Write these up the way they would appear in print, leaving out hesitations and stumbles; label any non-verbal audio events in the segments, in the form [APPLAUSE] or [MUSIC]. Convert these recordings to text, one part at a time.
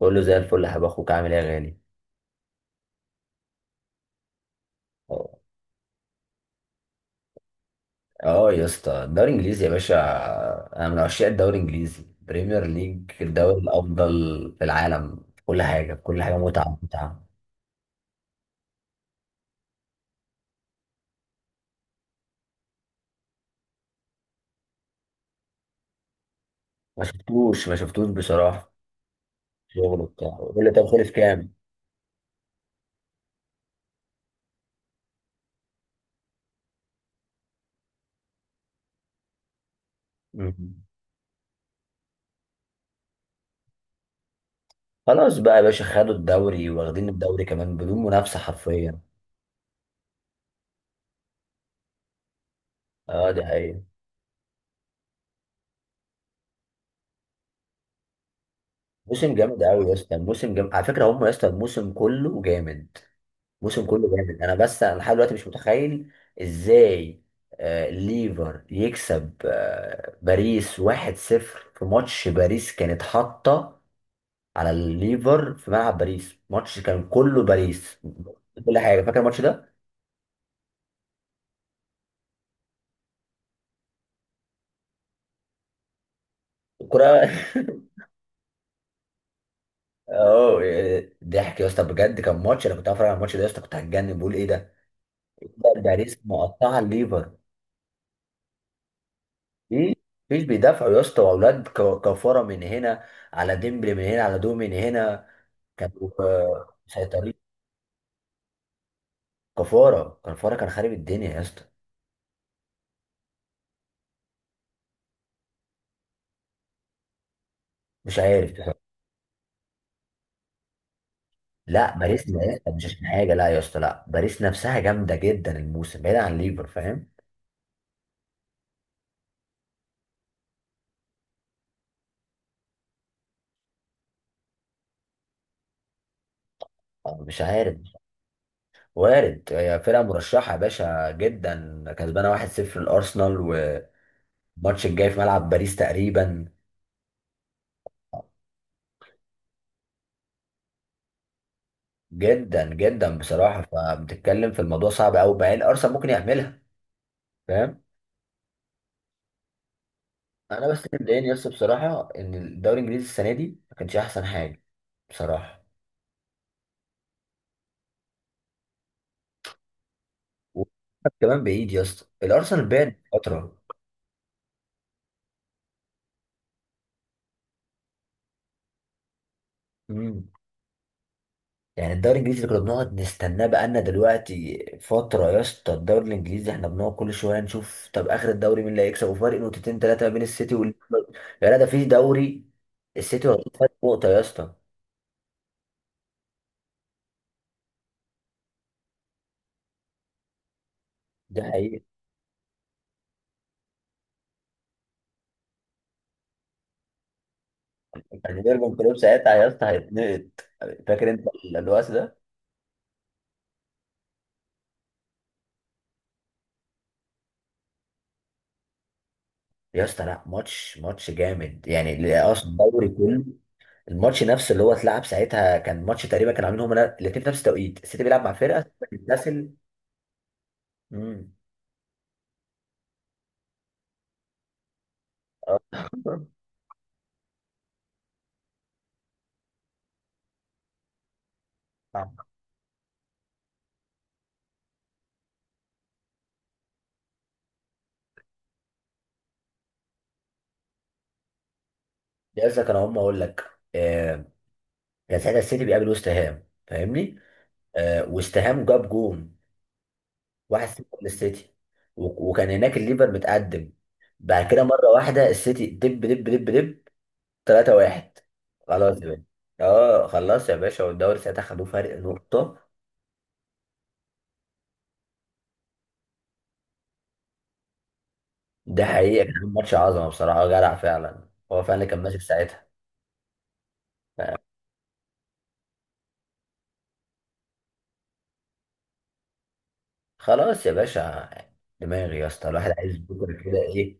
بقول له زي الفل يا حبيب اخوك، عامل ايه يا غالي؟ اه. آه يا اسطى، الدوري الانجليزي يا باشا. انا من عشاق الدوري الانجليزي بريمير ليج، الدوري الافضل في العالم، في كل حاجه، في كل حاجه، متعه متعه. ما شفتوش بصراحه. شغل وبتاع، يقول لي طب خلص كام. مم. خلاص بقى يا باشا، خدوا الدوري، واخدين الدوري كمان بدون منافسه حرفيا. اه دي حقيقه. موسم جامد قوي يا اسطى، الموسم جامد على فكره، هم يا اسطى الموسم كله جامد، الموسم كله جامد، انا لحد دلوقتي مش متخيل ازاي ليفر يكسب باريس 1-0 في ماتش. باريس كانت حاطه على الليفر، في ملعب باريس، ماتش كان كله باريس كل حاجه. فاكر الماتش ده؟ الكره [LAUGHS] اه، ضحك يا اسطى بجد. كان ماتش، انا كنت هتفرج على الماتش ده يا اسطى كنت هتجنن، بقول ايه ده؟ ده باريس مقطعه الليفر. ايه؟ مفيش، بيدافعوا يا اسطى، واولاد كفاره من هنا، على ديمبلي من هنا، على دو من هنا. كانوا مسيطرين. كفاره كفاره كان خارب الدنيا يا اسطى. مش عارف بصراحة. لا باريس، لا يا اسطى، مش عشان حاجه، لا يا اسطى، لا باريس نفسها جامده جدا، الموسم بعيد عن ليفر، فاهم؟ مش عارف، وارد، هي فرقه مرشحه يا باشا جدا، كسبانه 1-0 الارسنال، والماتش الجاي في ملعب باريس تقريبا. جدا جدا بصراحه، فبتتكلم في الموضوع، صعب قوي، مع ان ارسنال ممكن يعملها، فاهم؟ انا بس اللي مضايقني بس بصراحه، ان الدوري الانجليزي السنه دي ما كانش احسن حاجه بصراحه. وكمان بعيد يا اسطى، الارسنال بعد فتره. امم. يعني الدوري الانجليزي اللي كنا بنقعد نستناه بقالنا دلوقتي فتره يا اسطى، الدوري الانجليزي احنا بنقعد كل شويه نشوف طب اخر الدوري مين اللي هيكسب، وفرق نقطتين ثلاثه ما بين السيتي وال... يا لا ده في دوري السيتي واخد فرق نقطه يا اسطى. دي حقيقه. يعني يورجن كلوب ساعتها يا اسطى هيتنقط، فاكر انت الوقت ده؟ يا اسطى لا، ماتش ماتش جامد يعني اصلا، الدوري كله. الماتش نفسه اللي هو اتلعب ساعتها كان ماتش تقريبا كانوا عاملين هما الاثنين في نفس التوقيت، السيتي بيلعب مع فرقه بتتنسل. امم. آه. [LAUGHS] لسه كان، هم اقول لك آه، كان ساعتها السيتي بيقابل وست هام، فاهمني؟ آه، وست هام جاب جون 1-0 للسيتي، وكان هناك الليفر متقدم. بعد كده مره واحده السيتي دب دب دب دب 3-1. خلاص يا باشا. اه خلاص يا باشا، والدوري ساعتها خدوه فرق نقطه. ده حقيقة، كان ماتش عظمة بصراحة، جدع فعلا، هو فعلا اللي كان ماسك ساعتها. خلاص يا باشا، دماغي يا اسطى الواحد عايز بكرة كده، ايه،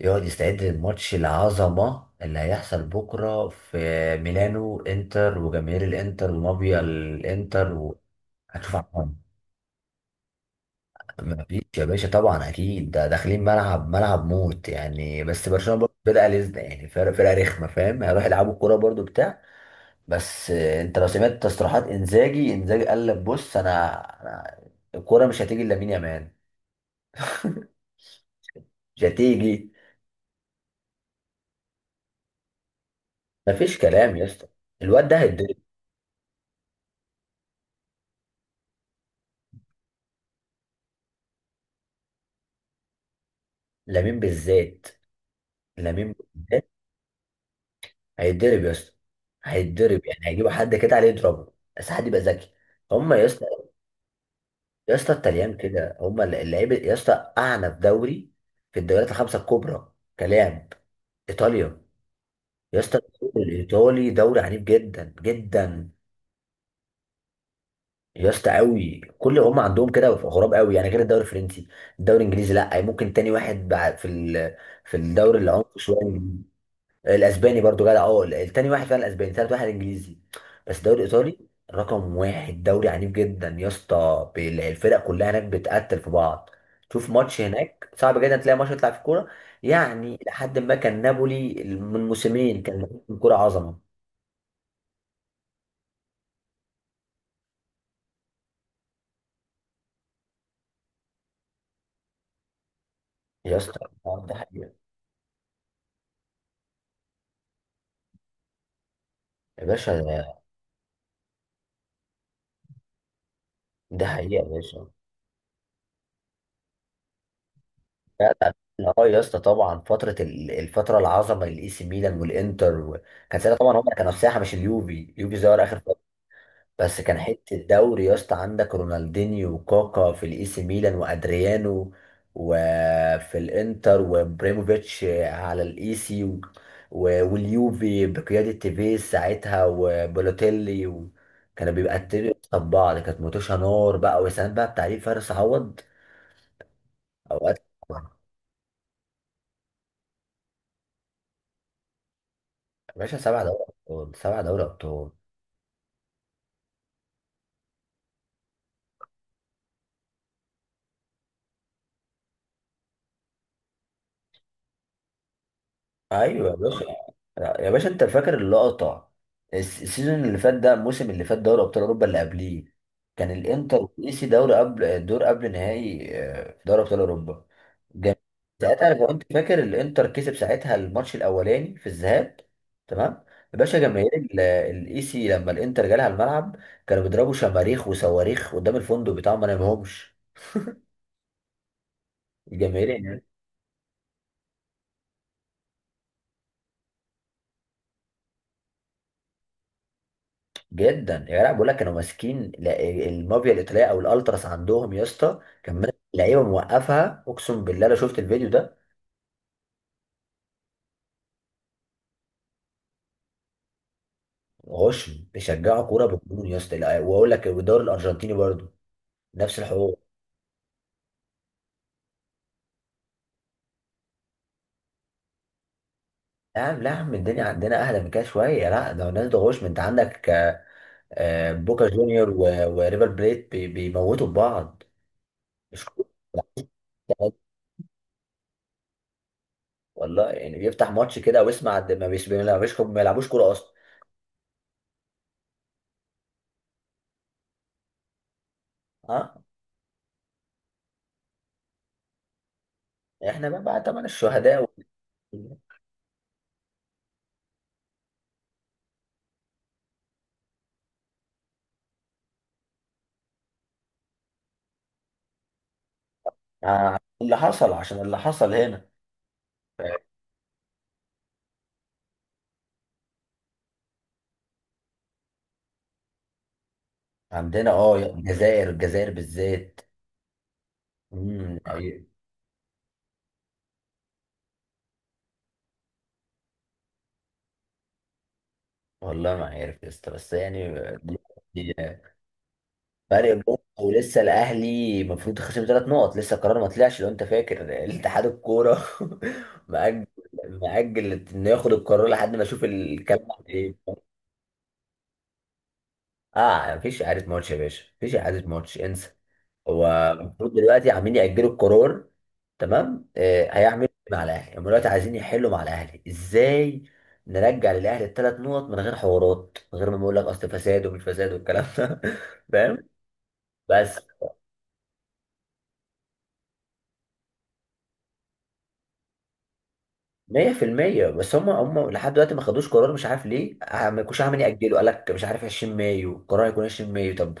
يقعد يستعد للماتش العظمة اللي هيحصل بكرة في ميلانو، انتر وجماهير الانتر ومافيا الانتر هتشوف عمرهم. مفيش يا باشا طبعا، اكيد ده داخلين ملعب ملعب موت يعني، بس برشلونة برضه بدأ لزنة يعني، فرقة فرقة رخمة، فاهم؟ هيروح يلعبوا الكورة برضه بتاع. بس انت لو سمعت تصريحات انزاجي، انزاجي قال لك بص، انا الكوره مش هتيجي لامين يامال. [LAUGHS] مش هتيجي. مفيش كلام يا اسطى، الواد ده هيتضرب. لامين بالذات، لامين بالذات. هيتضرب يا اسطى، هيتضرب، يعني هيجيبوا حد كده عليه يضربه بس حد يبقى ذكي. هم يا اسطى، يا اسطى الطليان كده، هم اللعيبه يا اسطى، اعنف دوري في الدوريات الخمسه الكبرى، كلام. ايطاليا، يا اسطى الدوري الايطالي دوري عنيف جدا جدا يا اسطى، قوي كل هم عندهم كده، غراب قوي يعني غير الدوري الفرنسي. الدوري الانجليزي لا، ممكن تاني واحد بعد في ال... في الدوري اللي عمق شويه الإنجليزي. الاسباني برضو جدع، اه التاني واحد فعلا الاسباني، تالت واحد الانجليزي، بس الدوري الايطالي رقم واحد، دوري عنيف جدا يا اسطى. الفرق كلها هناك بتقتل في بعض. شوف ماتش هناك صعب جدا تلاقي ماتش يطلع في كوره، يعني لحد ما كان نابولي من موسمين كان كوره عظمه. يا اسطى آه، ده حقيقه يا باشا. ده حقيقه يا باشا. لا لا. اه يا اسطى طبعا، فتره الفتره العظمه للاي سي ميلان والانتر كان ساعتها طبعا هم كانوا في ساحه مش اليوفي، اليوفي ظهر اخر فتره، بس كان حته الدوري يا اسطى، عندك رونالدينيو وكاكا في الاي سي ميلان وادريانو، وفي الانتر وابريموفيتش على الاي سي و... واليوفي بقياده تيفيز ساعتها وبولوتيلي كانوا بيبقى التريو بتاع بعض، كانت متوشة نار بقى وسام بقى بتعليق فارس عوض اوقات. يا باشا 7 دوري ابطال، 7 دوري ابطال. ايوه يا باشا. يا باشا انت فاكر اللقطه، السيزون اللي فات، ده الموسم اللي فات دوري ابطال اوروبا اللي قبليه كان الانتر والايسي دوري قبل الدور قبل نهائي آه، في دوري ابطال اوروبا. جميل. ساعتها لو انت فاكر الانتر كسب ساعتها الماتش الاولاني في الذهاب، تمام. يا باشا جماهير الايسي لما الانتر جالها الملعب كانوا بيضربوا شماريخ وصواريخ قدام الفندق بتاعهم ما نامهمش الجماهير. جدا، يا لا بقول لك، كانوا ماسكين المافيا الايطاليه او الالتراس عندهم يا اسطى كان ماسك لعيبه موقفها، اقسم بالله لو شفت الفيديو ده. غشم بيشجعوا كوره بالجنون يا اسطى، لا، واقول لك، والدوري الارجنتيني برضه نفس الحوار. لا يا عم، لا يا عم، الدنيا عندنا اهدى من كده شويه، لا ده الناس ده غشم، انت عندك بوكا جونيور وريفر بليت بيموتوا في بعض، مش كورة. والله يعني بيفتح ماتش كده ويسمع، ما ما بيلعبوش كوره اصلا. اه احنا بقى طبعا الشهداء. آه، اللي حصل عشان اللي حصل هنا. عندنا اه الجزائر، الجزائر بالذات. امم أي- والله ما عارف يا اسطى، بس يعني دلوقتي فرق نقطة، ولسه الاهلي المفروض خصم 3 نقط، لسه القرار ما طلعش، لو انت فاكر، الاتحاد الكوره [LAUGHS] مأجل، مأجل انه ياخد القرار لحد ما اشوف الكلام عن ايه. اه يعني مفيش اعاده ماتش يا باشا، مفيش اعاده ماتش، انسى. هو طب المفروض دلوقتي عاملين يأجلوا القرار، تمام. آه هيعملوا إيه مع الاهلي؟ هم دلوقتي عايزين يحلوا مع الاهلي ازاي؟ نرجع للاهلي ال 3 نقط من غير حوارات، من غير ما نقول لك اصل فساد ومش فساد والكلام ده [LAUGHS] فاهم؟ بس 100% بس، هم لحد دلوقتي ما خدوش قرار مش عارف ليه، آه، ما يكونش عامل يأجلوا، قال لك مش عارف 20 مايو القرار هيكون 20 مايو. طب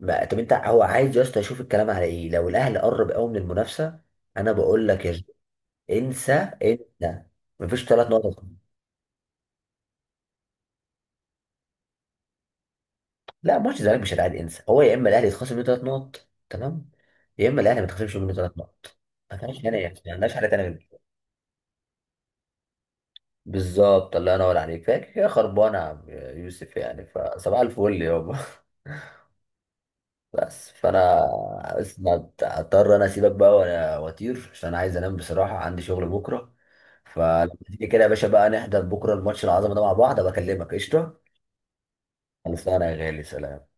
ما طب، انت هو عايز يا اسطى يشوف الكلام على ايه؟ لو الاهلي قرب قوي من المنافسه، انا بقول لك يا اسطى، انسى، انسى، مفيش 3 نقط. لا ماتش الزمالك مش هيتعاد، انسى، هو يا اما الاهلي يتخصم منه 3 نقط، تمام، يا اما الاهلي ما يتخصمش منه 3 نقط. ما فيهاش هنا يعني، ما عندناش حاجه تانيه غير كده. بالظبط، الله ينور عليك. فاكر يا خربانه يا عم يوسف؟ يعني، فصباح الفل يابا. بس فانا، بس ما اضطر انا اسيبك بقى، وانا واطير عشان انا عايز انام بصراحه، عندي شغل بكره. فلما تيجي كده يا باشا، بقى نحضر بكره الماتش العظمه ده مع بعض، ابقى اكلمك قشطه. خلصانه يا غالي، سلام.